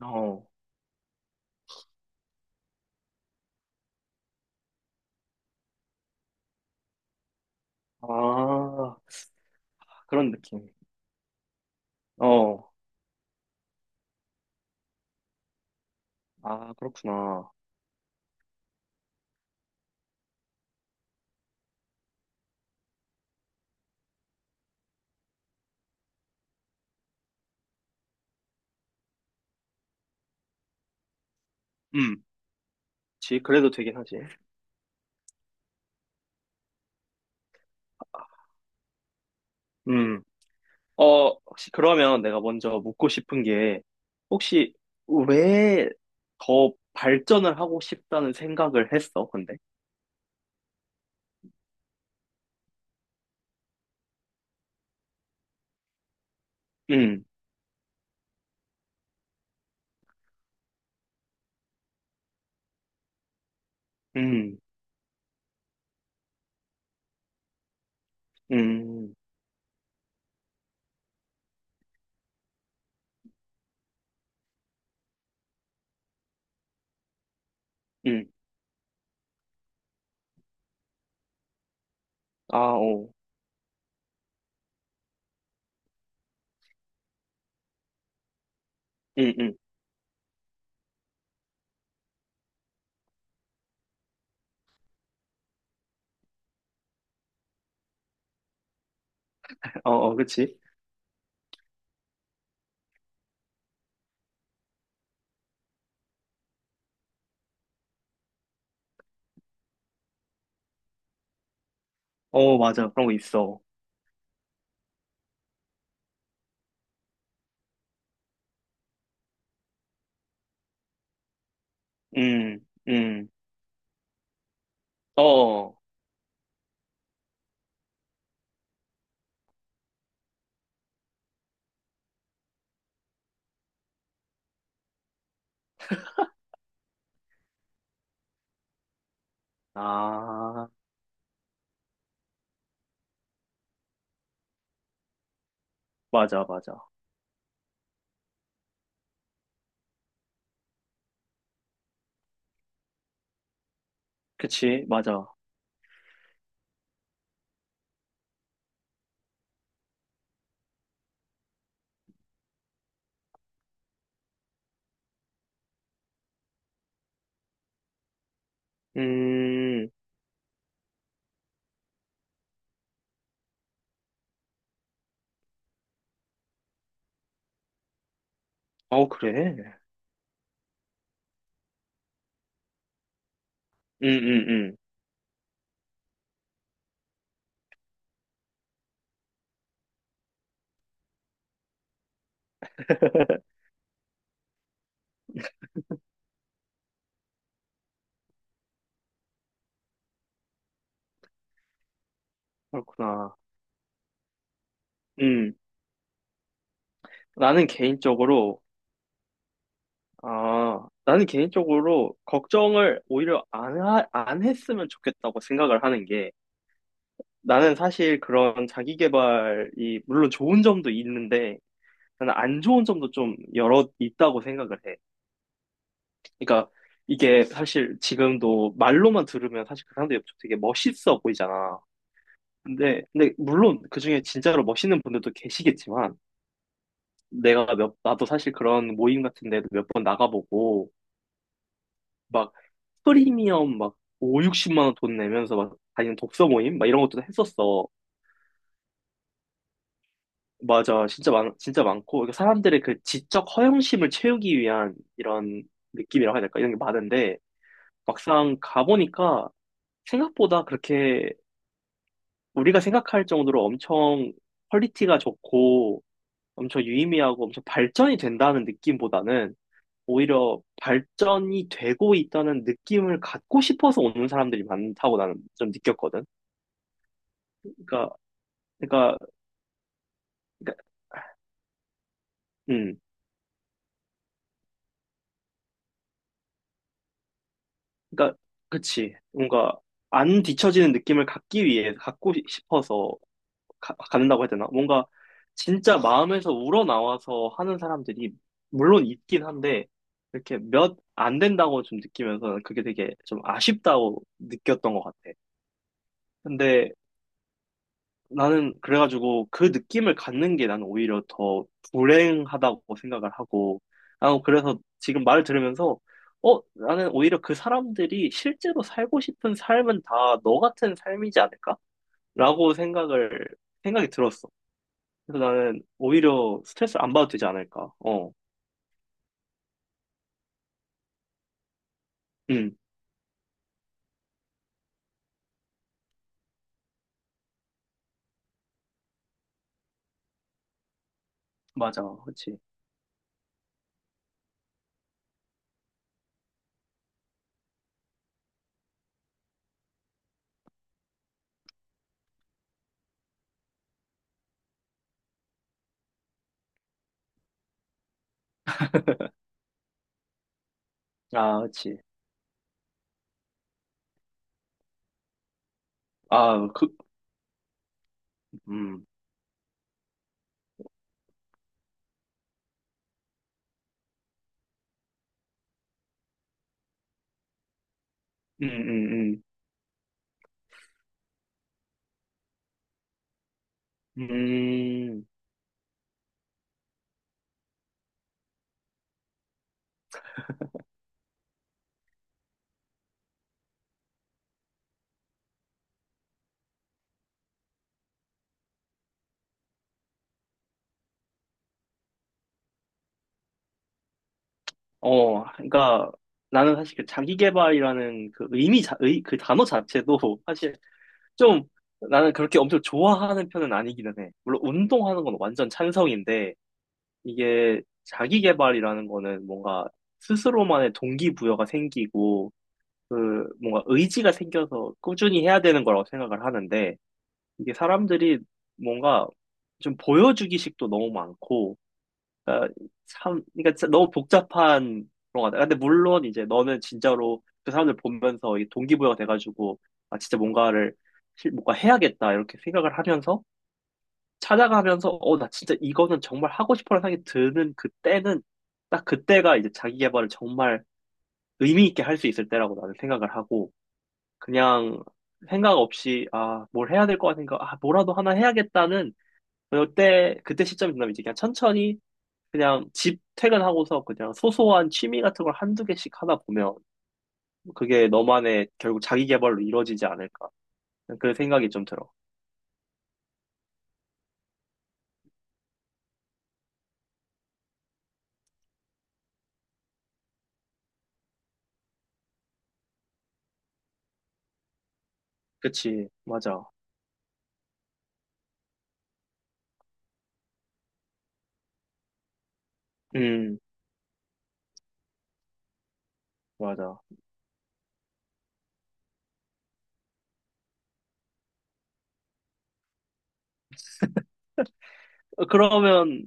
어, 아, 그런 느낌. 어, 아, 그렇구나. 음, 그래도 되긴 하지. 음, 혹시 그러면 내가 먼저 묻고 싶은 게, 혹시 왜 더 발전을 하고 싶다는 생각을 했어, 근데? 음, 음, 음, 음, 아, 어, 음, 음, 어, 어, 그치? 어, 맞아. 그런 거 있어. 음, 음, 어, 어. 아, 맞아, 맞아. 그치, 맞아. 음, 어, 그래. 응, 응, 응. 그렇구나. 음, 나는 개인적으로, 아, 나는 개인적으로 걱정을 오히려 안 했으면 좋겠다고 생각을 하는 게, 나는 사실 그런 자기 개발이, 물론 좋은 점도 있는데, 나는 안 좋은 점도 좀 여러 있다고 생각을 해. 그러니까 이게 사실 지금도 말로만 들으면 사실 그 사람들이 되게 멋있어 보이잖아. 근데 물론 그중에 진짜로 멋있는 분들도 계시겠지만, 나도 사실 그런 모임 같은 데도 몇 번 나가보고, 막, 프리미엄 막, 5, 60만 원 돈 내면서 막, 다니는 독서 모임? 막 이런 것도 했었어. 맞아. 진짜 많고, 그러니까 사람들의 그 지적 허영심을 채우기 위한 이런 느낌이라고 해야 될까? 이런 게 많은데, 막상 가보니까 생각보다 그렇게 우리가 생각할 정도로 엄청 퀄리티가 좋고, 엄청 유의미하고 엄청 발전이 된다는 느낌보다는 오히려 발전이 되고 있다는 느낌을 갖고 싶어서 오는 사람들이 많다고 나는 좀 느꼈거든. 그러니까, 그러니까, 그러니까, 음, 그러니까, 그치. 뭔가 안 뒤처지는 느낌을 갖기 위해 갖고 싶어서 갖는다고 해야 되나? 뭔가 진짜 마음에서 우러나와서 하는 사람들이 물론 있긴 한데 이렇게 몇 안 된다고 좀 느끼면서 그게 되게 좀 아쉽다고 느꼈던 것 같아. 근데 나는 그래가지고 그 느낌을 갖는 게 나는 오히려 더 불행하다고 생각을 하고, 아, 그래서 지금 말을 들으면서, 어, 나는 오히려 그 사람들이 실제로 살고 싶은 삶은 다 너 같은 삶이지 않을까? 라고 생각을, 생각이 들었어. 그래서 나는 오히려 스트레스를 안 받아도 되지 않을까. 어, 음, 맞아. 그치. 아, 그치. 아, 그, 음, 음, 음, 음. 어, 그러니까 나는 사실 그 자기계발이라는 그 의미 그 단어 자체도 사실 좀 나는 그렇게 엄청 좋아하는 편은 아니기는 해. 물론 운동하는 건 완전 찬성인데 이게 자기계발이라는 거는 뭔가 스스로만의 동기부여가 생기고 그 뭔가 의지가 생겨서 꾸준히 해야 되는 거라고 생각을 하는데 이게 사람들이 뭔가 좀 보여주기식도 너무 많고 그러니까 참, 그러니까 너무 복잡한 그런 것 같아. 근데 물론 이제 너는 진짜로 그 사람들 보면서 이 동기부여가 돼가지고, 아, 진짜 뭔가를, 뭔가 해야겠다, 이렇게 생각을 하면서, 찾아가면서, 어, 나 진짜 이거는 정말 하고 싶어라는 생각이 드는 그때는, 딱 그때가 이제 자기 개발을 정말 의미 있게 할 수 있을 때라고 나는 생각을 하고, 그냥 생각 없이, 아, 뭘 해야 될 것 같은가, 아, 뭐라도 하나 해야겠다는, 그때 시점이 지나면 이제 그냥 천천히 그냥 집 퇴근하고서 그냥 소소한 취미 같은 걸 한두 개씩 하다 보면 그게 너만의 결국 자기 개발로 이루어지지 않을까. 그 생각이 좀 들어. 그치, 맞아. 음, 맞아. 어, 그러면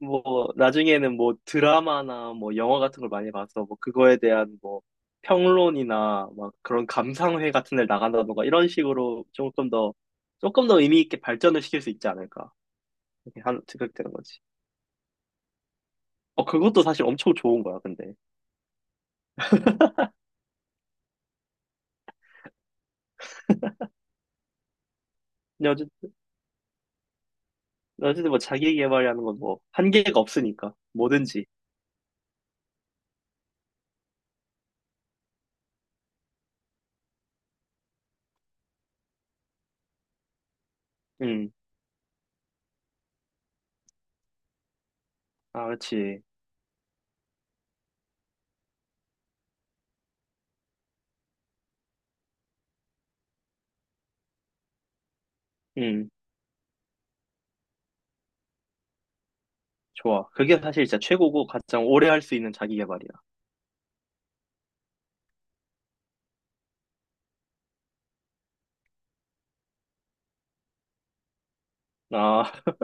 뭐 나중에는 뭐 드라마나 뭐 영화 같은 걸 많이 봐서 뭐 그거에 대한 뭐 평론이나 막 그런 감상회 같은 데 나간다던가 이런 식으로 조금 더 조금 더 의미 있게 발전을 시킬 수 있지 않을까. 이렇게 한 생각되는 거지. 어, 그것도 사실 엄청 좋은 거야, 근데. 근데 어쨌든 뭐 자기 개발이라는 건 뭐 한계가 없으니까 뭐든지. 음, 아, 그렇지. 음, 좋아. 그게 사실 진짜 최고고 가장 오래 할 수 있는 자기 개발이야. 아,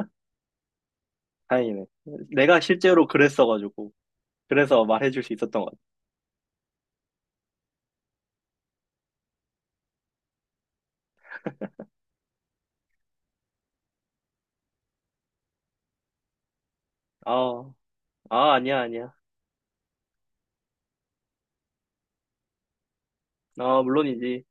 다행이네. 내가 실제로 그랬어가지고 그래서 말해줄 수 있었던 것 같아. 아, 아 아니야 아니야. 아 물론이지.